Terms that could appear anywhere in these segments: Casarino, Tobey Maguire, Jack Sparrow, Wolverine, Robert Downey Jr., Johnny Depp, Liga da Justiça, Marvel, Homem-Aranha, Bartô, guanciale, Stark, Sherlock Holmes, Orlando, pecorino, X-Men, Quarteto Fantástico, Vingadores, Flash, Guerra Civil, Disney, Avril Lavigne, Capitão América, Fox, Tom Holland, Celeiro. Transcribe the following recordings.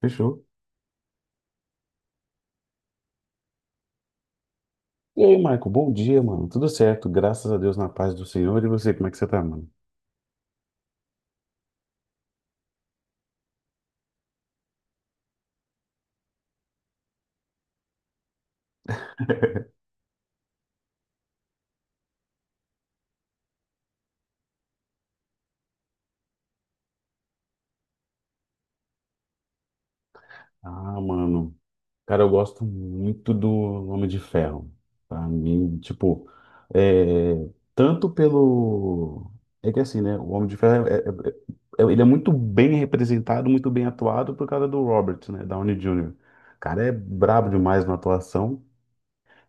Fechou. E aí, Michael, bom dia, mano. Tudo certo, graças a Deus, na paz do Senhor. E você, como é que você tá, mano? Ah, mano. Cara, eu gosto muito do Homem de Ferro. Pra mim, tipo, é, tanto pelo. É que assim, né? O Homem de Ferro, ele é muito bem representado, muito bem atuado por causa do Robert, né? Downey Jr. O cara é brabo demais na atuação.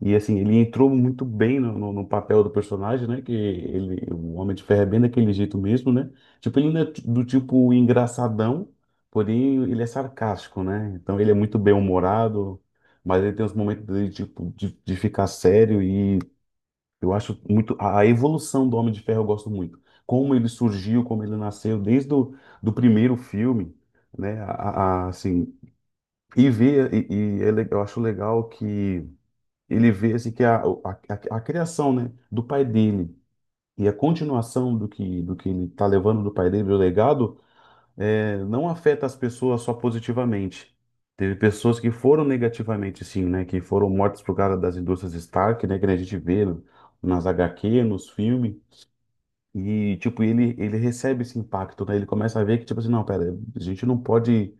E assim, ele entrou muito bem no papel do personagem, né? Que ele, o Homem de Ferro é bem daquele jeito mesmo, né? Tipo, ele não é do tipo engraçadão, porém ele é sarcástico, né? Então ele é muito bem-humorado, mas ele tem uns momentos de, tipo, de ficar sério e eu acho muito. A evolução do Homem de Ferro eu gosto muito. Como ele surgiu, como ele nasceu, desde o do primeiro filme, né? Assim, e ver, eu acho legal que ele vê assim que a criação, né, do pai dele e a continuação do que ele está levando do pai dele, do legado, não afeta as pessoas só positivamente. Teve pessoas que foram negativamente, sim, né, que foram mortas por causa das indústrias Stark, né, que a gente vê nas HQ, nos filmes. E, tipo, ele recebe esse impacto, né? Ele começa a ver que, tipo assim, não, pera, a gente não pode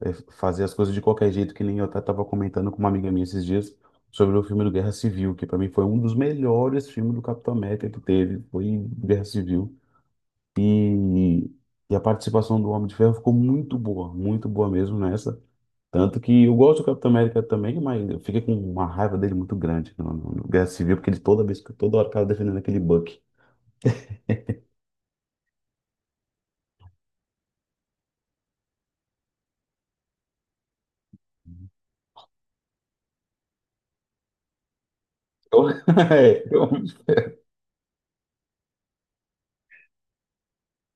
fazer as coisas de qualquer jeito, que nem eu até tava comentando com uma amiga minha esses dias sobre o filme do Guerra Civil, que pra mim foi um dos melhores filmes do Capitão América que teve, foi Guerra Civil. E, e a participação do Homem de Ferro ficou muito boa mesmo nessa. Tanto que eu gosto do Capitão América também, mas eu fiquei com uma raiva dele muito grande no Guerra Civil, porque ele toda vez, que toda hora ficava defendendo aquele Buck. Eu, é, eu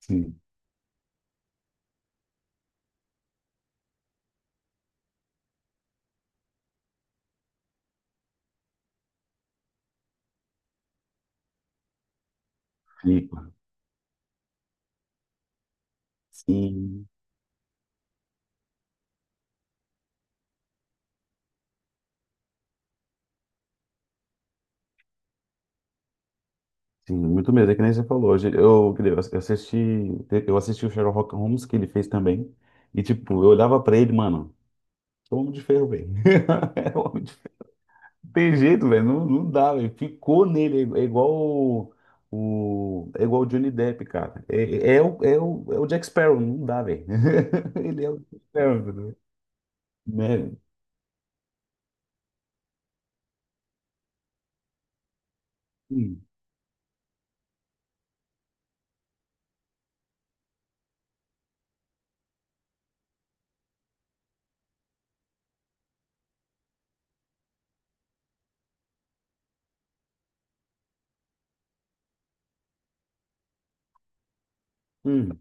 Sim, fica. Sim, sim, muito mesmo. É que nem você falou hoje. Eu assisti, eu assisti o Sherlock Holmes que ele fez também. E, tipo, eu olhava pra ele, mano, é o Homem de Ferro, velho. É o Homem de Ferro. Não tem jeito, velho. Não, não dá, velho. Ficou nele. É igual o Johnny Depp, cara. É o Jack Sparrow. Não dá, velho. Ele é o Jack Sparrow, entendeu? Né? Hum, hum.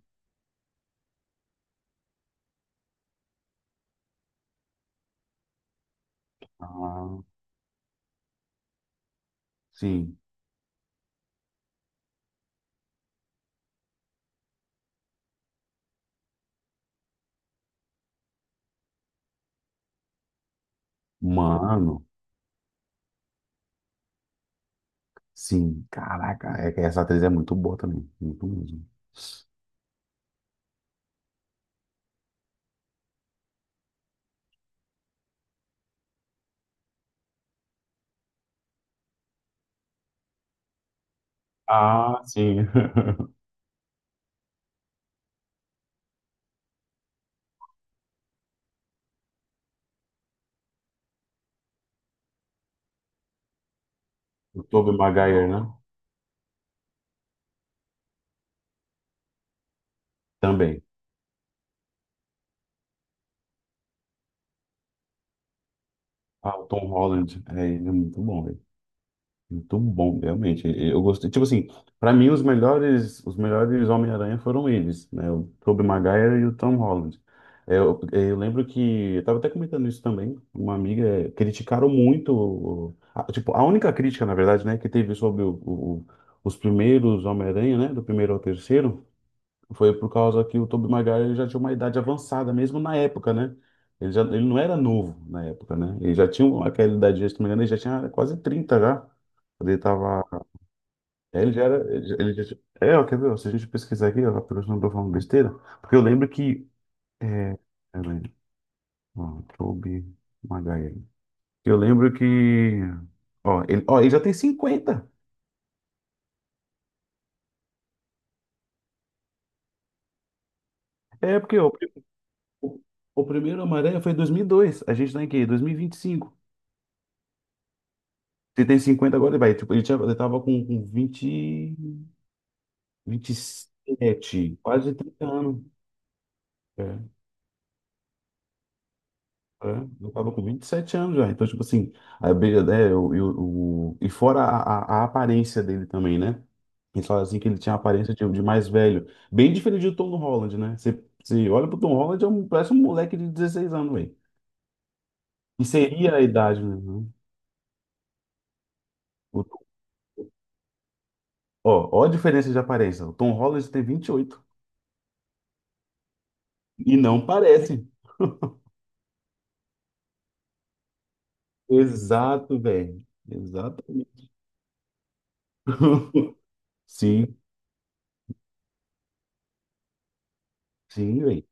Ah, sim. Mano. Sim, caraca, é que essa atriz é muito boa também, muito mesmo. Ah, sim. O Tobey Maguire, né? Também. Ah, o Tom Holland, ele é muito bom, velho. Muito bom, realmente. Eu gostei, tipo assim, pra mim os melhores Homem-Aranha foram eles, né? O Tobey Maguire e o Tom Holland. Eu lembro que, eu tava até comentando isso também, uma amiga, criticaram muito, tipo, a única crítica, na verdade, né, que teve sobre os primeiros Homem-Aranha, né, do primeiro ao terceiro. Foi por causa que o Tobey Maguire já tinha uma idade avançada, mesmo na época, né? Ele, já, ele não era novo na época, né? Ele já tinha aquela idade, se não me engano, ele já tinha quase 30, já. Quando ele tava. Ele já era. Ele já tinha. É, ó, quer ver? Ó, se a gente pesquisar aqui, ó, por isso não tô falando besteira. Porque eu lembro que. É, peraí, ó, Tobey Maguire. Eu lembro que. Ó, ele já tem 50. É, porque ó, o primeiro Homem-Aranha foi em dois mil e dois. A gente tá em quê? 2025. Ele tem 50 agora, vai. Tipo, ele tinha, ele tava com, vinte, 27 quase 30 anos. É, é. Eu tava com 27 anos já. Então, tipo assim, a abelha, né, eu, e fora a aparência dele também, né? Ele falam assim que ele tinha a aparência de, mais velho. Bem diferente do Tom Holland, né? Você olha pro Tom Holland, parece um moleque de 16 anos, velho. E seria a idade, né? O- ó a diferença de aparência. O Tom Holland tem 28. E não parece. Exato, velho. Exato. Sim, sim, velho.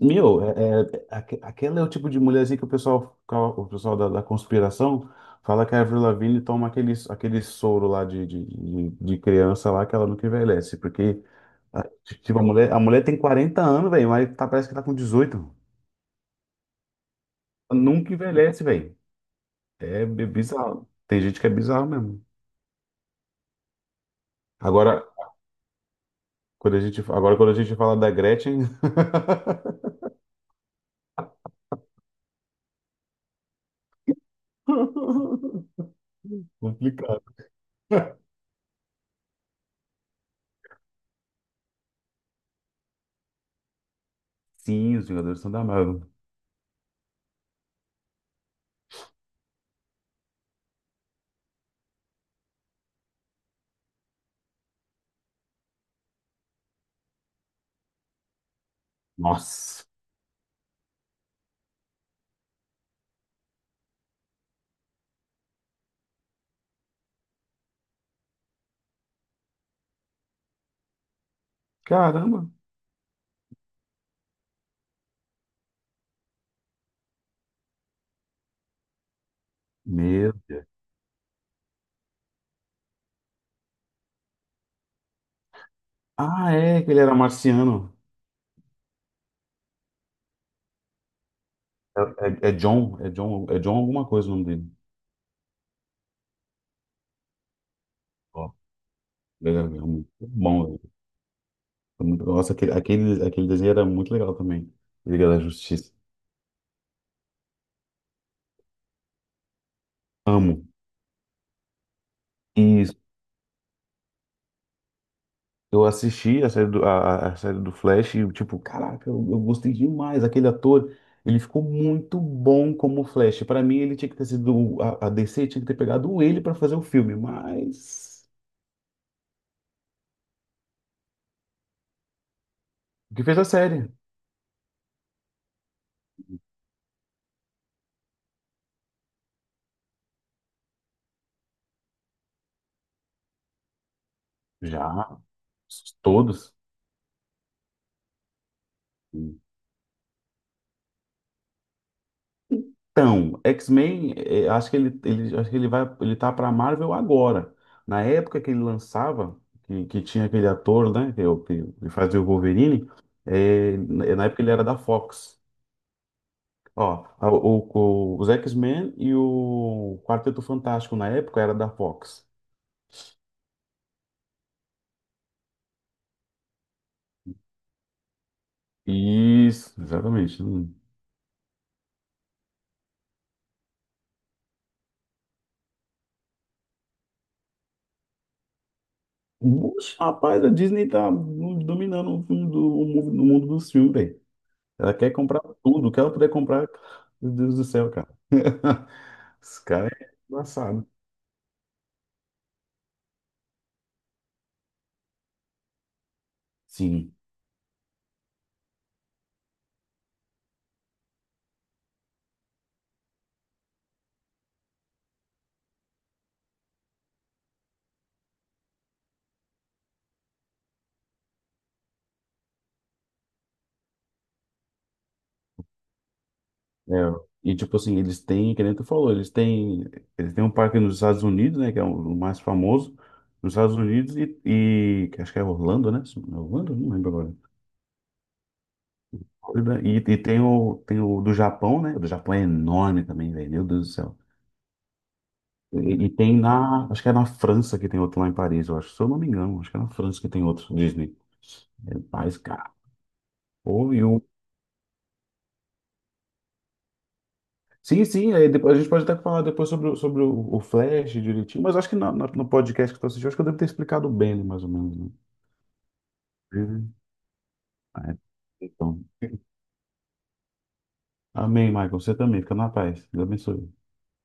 Meu, aquela é o tipo de mulherzinha que o pessoal, o pessoal da conspiração fala que a Avril Lavigne toma aquele soro lá de criança lá que ela nunca envelhece. Porque, a- tipo, a mulher tem 40 anos, velho, mas tá, parece que tá com 18. Nunca envelhece, velho. É bizarro. Tem gente que é bizarro mesmo. Agora, quando a gente fala da Gretchen. Complicado. Sim, os Vingadores são da Marvel. Nossa, caramba. Meu Deus. Ah, é, que ele era marciano. É John alguma coisa o nome dele. Ó, ele era muito bom, velho. Nossa, aquele desenho era muito legal também. Liga da Justiça. Amo isso. Eu assisti a série a série do Flash e, tipo, caraca, eu gostei demais. Aquele ator, ele ficou muito bom como Flash. Pra mim, ele tinha que ter sido. A DC tinha que ter pegado ele pra fazer o filme, mas. O que fez a série? Já. Todos. Então, X-Men, acho que acho que ele vai, ele tá pra Marvel agora. Na época que ele lançava, que tinha aquele ator, né, que, que fazia o Wolverine, na época ele era da Fox. Ó, os X-Men e o Quarteto Fantástico na época era da Fox. Isso, exatamente. Hum. Oxe, rapaz, a Disney tá dominando o, mundo do, o mundo dos filmes, velho. Ela quer comprar tudo, o que ela puder comprar, meu Deus do céu, cara. Esse cara é engraçado. Sim. É, e tipo assim, eles têm, que nem tu falou, eles têm um parque nos Estados Unidos, né, que é o mais famoso, nos Estados Unidos e que acho que é Orlando, né? Orlando? Não lembro agora. Florida. E tem o, do Japão, né? O do Japão é enorme também, velho, meu Deus do céu. E acho que é na França que tem outro lá em Paris, eu acho, se eu não me engano, acho que é na França que tem outro Disney. É mais caro. Sim, sim, aí depois, a gente pode até falar depois sobre o Flash direitinho, mas acho que no podcast que tu assistiu, acho que eu devo ter explicado bem, né, mais ou menos, né? Uhum. Ah, é. Então, amém, Michael, você também, fica na paz, Deus abençoe.